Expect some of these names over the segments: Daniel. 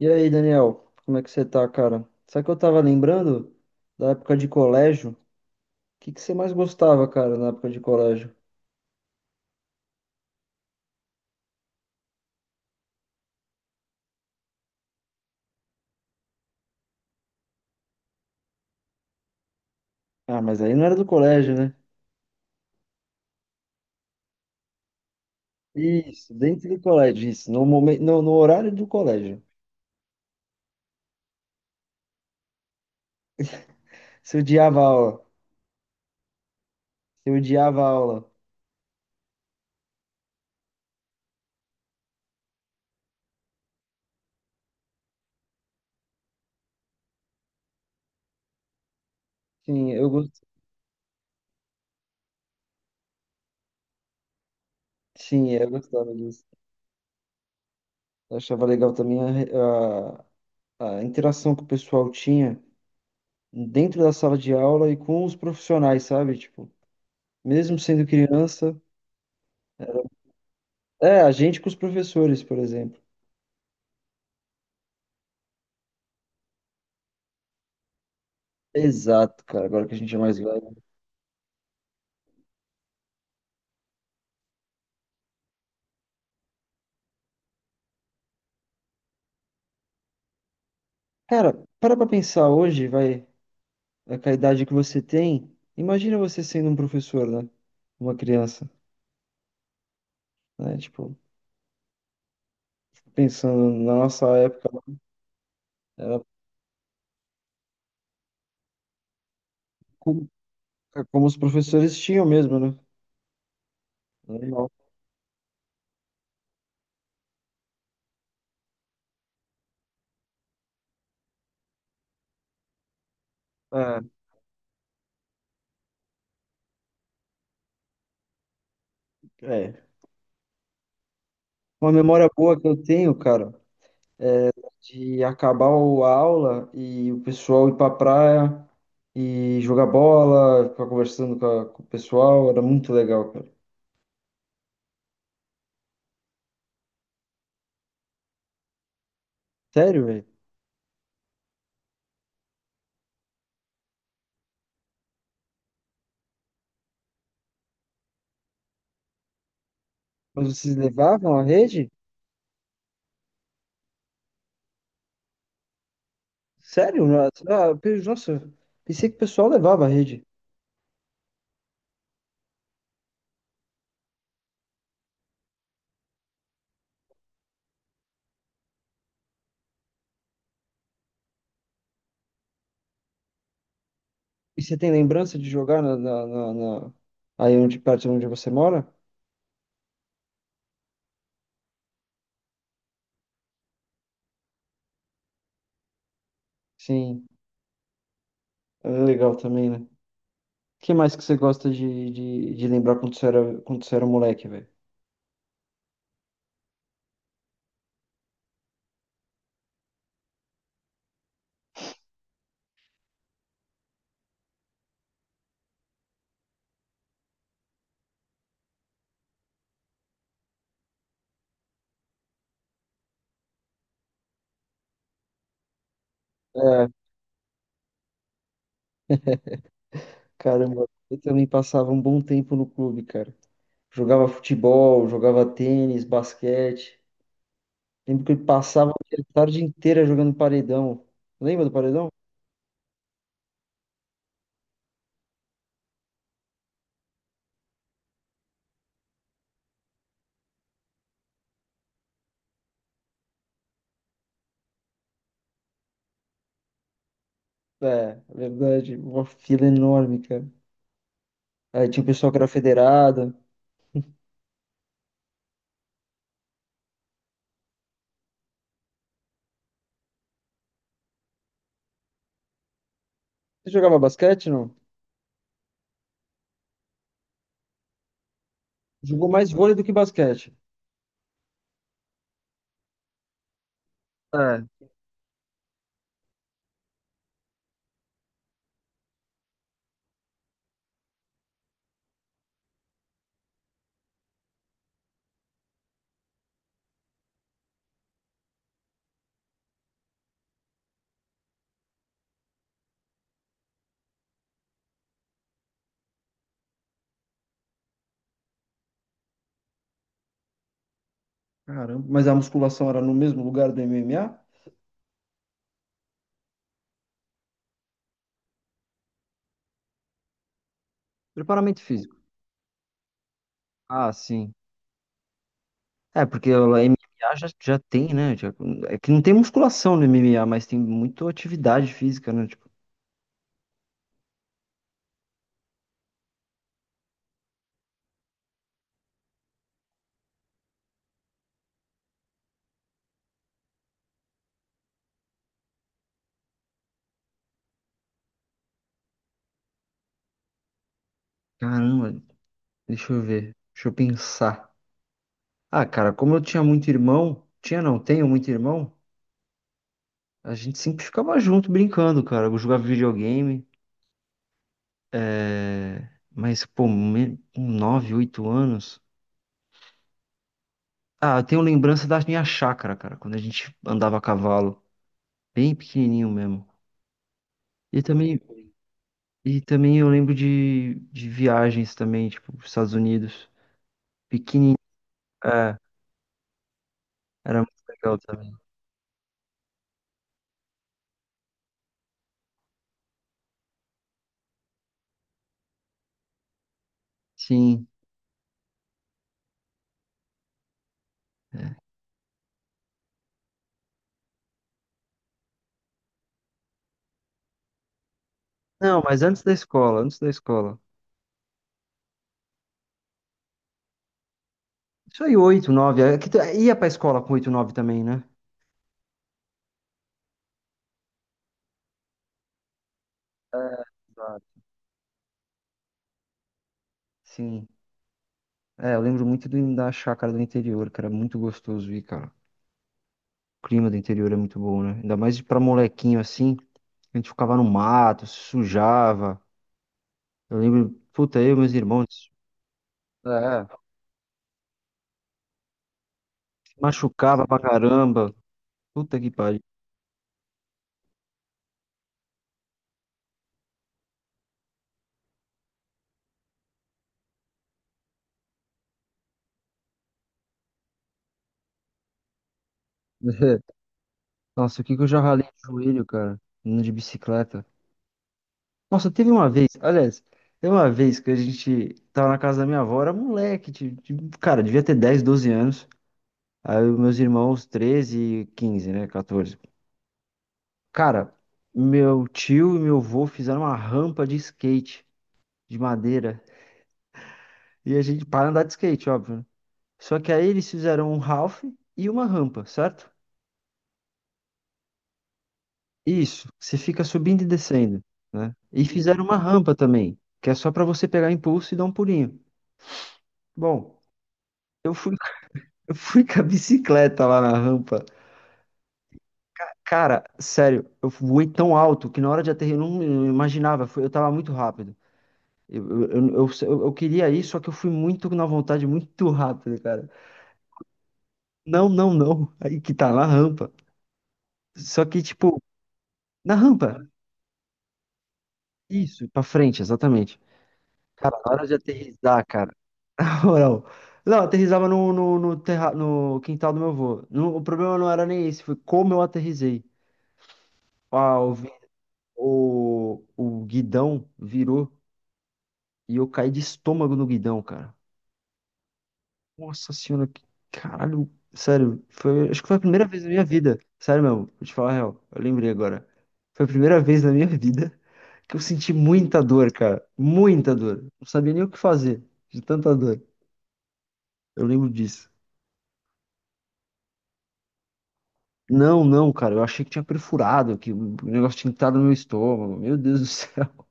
E aí, Daniel, como é que você tá, cara? Sabe que eu tava lembrando da época de colégio? O que você mais gostava, cara, na época de colégio? Ah, mas aí não era do colégio, né? Isso, dentro do colégio, isso, no momento, no horário do colégio. Você odiava a aula, você odiava a aula. Sim, eu gost... Sim, eu gostava disso. Eu achava legal também a interação que o pessoal tinha dentro da sala de aula e com os profissionais, sabe? Tipo, mesmo sendo criança. É, a gente com os professores, por exemplo. Exato, cara, agora que a gente é mais velho. Cara, para pra pensar hoje, vai, é, com a idade que você tem, imagina você sendo um professor, né? Uma criança, né? Tipo, pensando na nossa época, era como, é como os professores tinham mesmo, né? Normal. É, é. Uma memória boa que eu tenho, cara, de acabar a aula e o pessoal ir pra praia e jogar bola, ficar conversando com, com o pessoal, era muito legal, cara. Sério, velho? Mas vocês levavam a rede? Sério? Nossa, nossa, pensei que o pessoal levava a rede. E você tem lembrança de jogar na aí onde perto de onde você mora? Sim, é legal também, né? O que mais que você gosta de lembrar quando você era moleque, velho? É, caramba, eu também passava um bom tempo no clube, cara. Jogava futebol, jogava tênis, basquete. Lembro que eu passava a tarde inteira jogando paredão. Lembra do paredão? É, verdade. Uma fila enorme, cara. Aí tinha um pessoal que era federado. Você jogava basquete, não? Jogou mais vôlei do que basquete. É. Caramba, mas a musculação era no mesmo lugar do MMA? Preparamento físico. Ah, sim. É, porque o MMA já tem, né? É que não tem musculação no MMA, mas tem muita atividade física, né? Tipo, caramba, deixa eu ver. Deixa eu pensar. Ah, cara, como eu tinha muito irmão, tinha não, tenho muito irmão, a gente sempre ficava junto brincando, cara. Eu jogava videogame. É, mas, pô, com 9, 8 anos. Ah, eu tenho lembrança da minha chácara, cara, quando a gente andava a cavalo, bem pequenininho mesmo. E também, e também eu lembro de viagens também, tipo, para Estados Unidos. Pequenininho, é, era muito legal também. Sim. Não, mas antes da escola, antes da escola. Isso aí, 8 9. Ia pra escola com 8 9 também, né? Exato. Sim. É, eu lembro muito do, da chácara do interior, que era muito gostoso ir, cara. O clima do interior é muito bom, né? Ainda mais pra molequinho assim. A gente ficava no mato, se sujava. Eu lembro, puta, eu e meus irmãos. É. Se machucava pra caramba. Puta que pariu. Nossa, o que que eu já ralei o joelho, cara, andando de bicicleta. Nossa, teve uma vez, aliás, teve uma vez que a gente tava na casa da minha avó, era moleque, cara, devia ter 10 12 anos. Aí os meus irmãos, 13 e 15, né, 14. Cara, meu tio e meu avô fizeram uma rampa de skate de madeira e a gente para andar de skate, óbvio, né? Só que aí eles fizeram um half e uma rampa, certo? Isso, você fica subindo e descendo, né? E fizeram uma rampa também, que é só pra você pegar impulso e dar um pulinho. Bom, eu fui, eu fui com a bicicleta lá na rampa. Cara, sério, eu voei tão alto que na hora de aterrar eu não imaginava, eu tava muito rápido. Eu queria ir, só que eu fui muito na vontade, muito rápido, cara. Não, não, não. Aí que tá na rampa. Só que, tipo, na rampa. Isso, pra frente, exatamente. Cara, na hora de aterrissar, cara. Na moral. Não, eu aterrissava no terra, no quintal do meu avô. Não, o problema não era nem esse, foi como eu aterrissei. Ah, o, vi- o guidão virou e eu caí de estômago no guidão, cara. Nossa senhora, que caralho, sério, foi, acho que foi a primeira vez na minha vida, sério mesmo, vou te falar a real, eu lembrei agora. Foi a primeira vez na minha vida que eu senti muita dor, cara, muita dor. Não sabia nem o que fazer de tanta dor. Eu lembro disso. Não, não, cara, eu achei que tinha perfurado, que o negócio tinha entrado no meu estômago. Meu Deus do céu.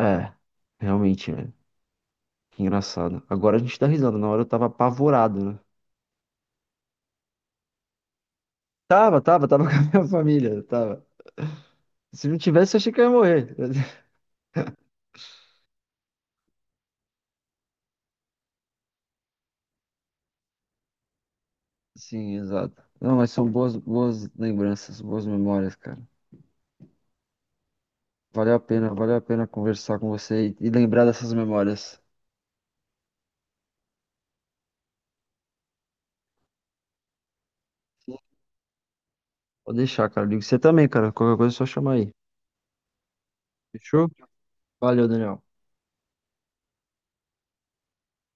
É, realmente, né? Que engraçado. Agora a gente tá risada, na hora eu tava apavorado, né? Tava, tava, tava com a minha família, tava. Se não tivesse, eu achei que eu ia morrer. Sim, exato. Não, mas são boas, boas lembranças, boas memórias, cara. Valeu a pena conversar com você e lembrar dessas memórias. Vou deixar, cara. Digo você também, cara. Qualquer coisa é só chamar aí. Fechou? Valeu, Daniel.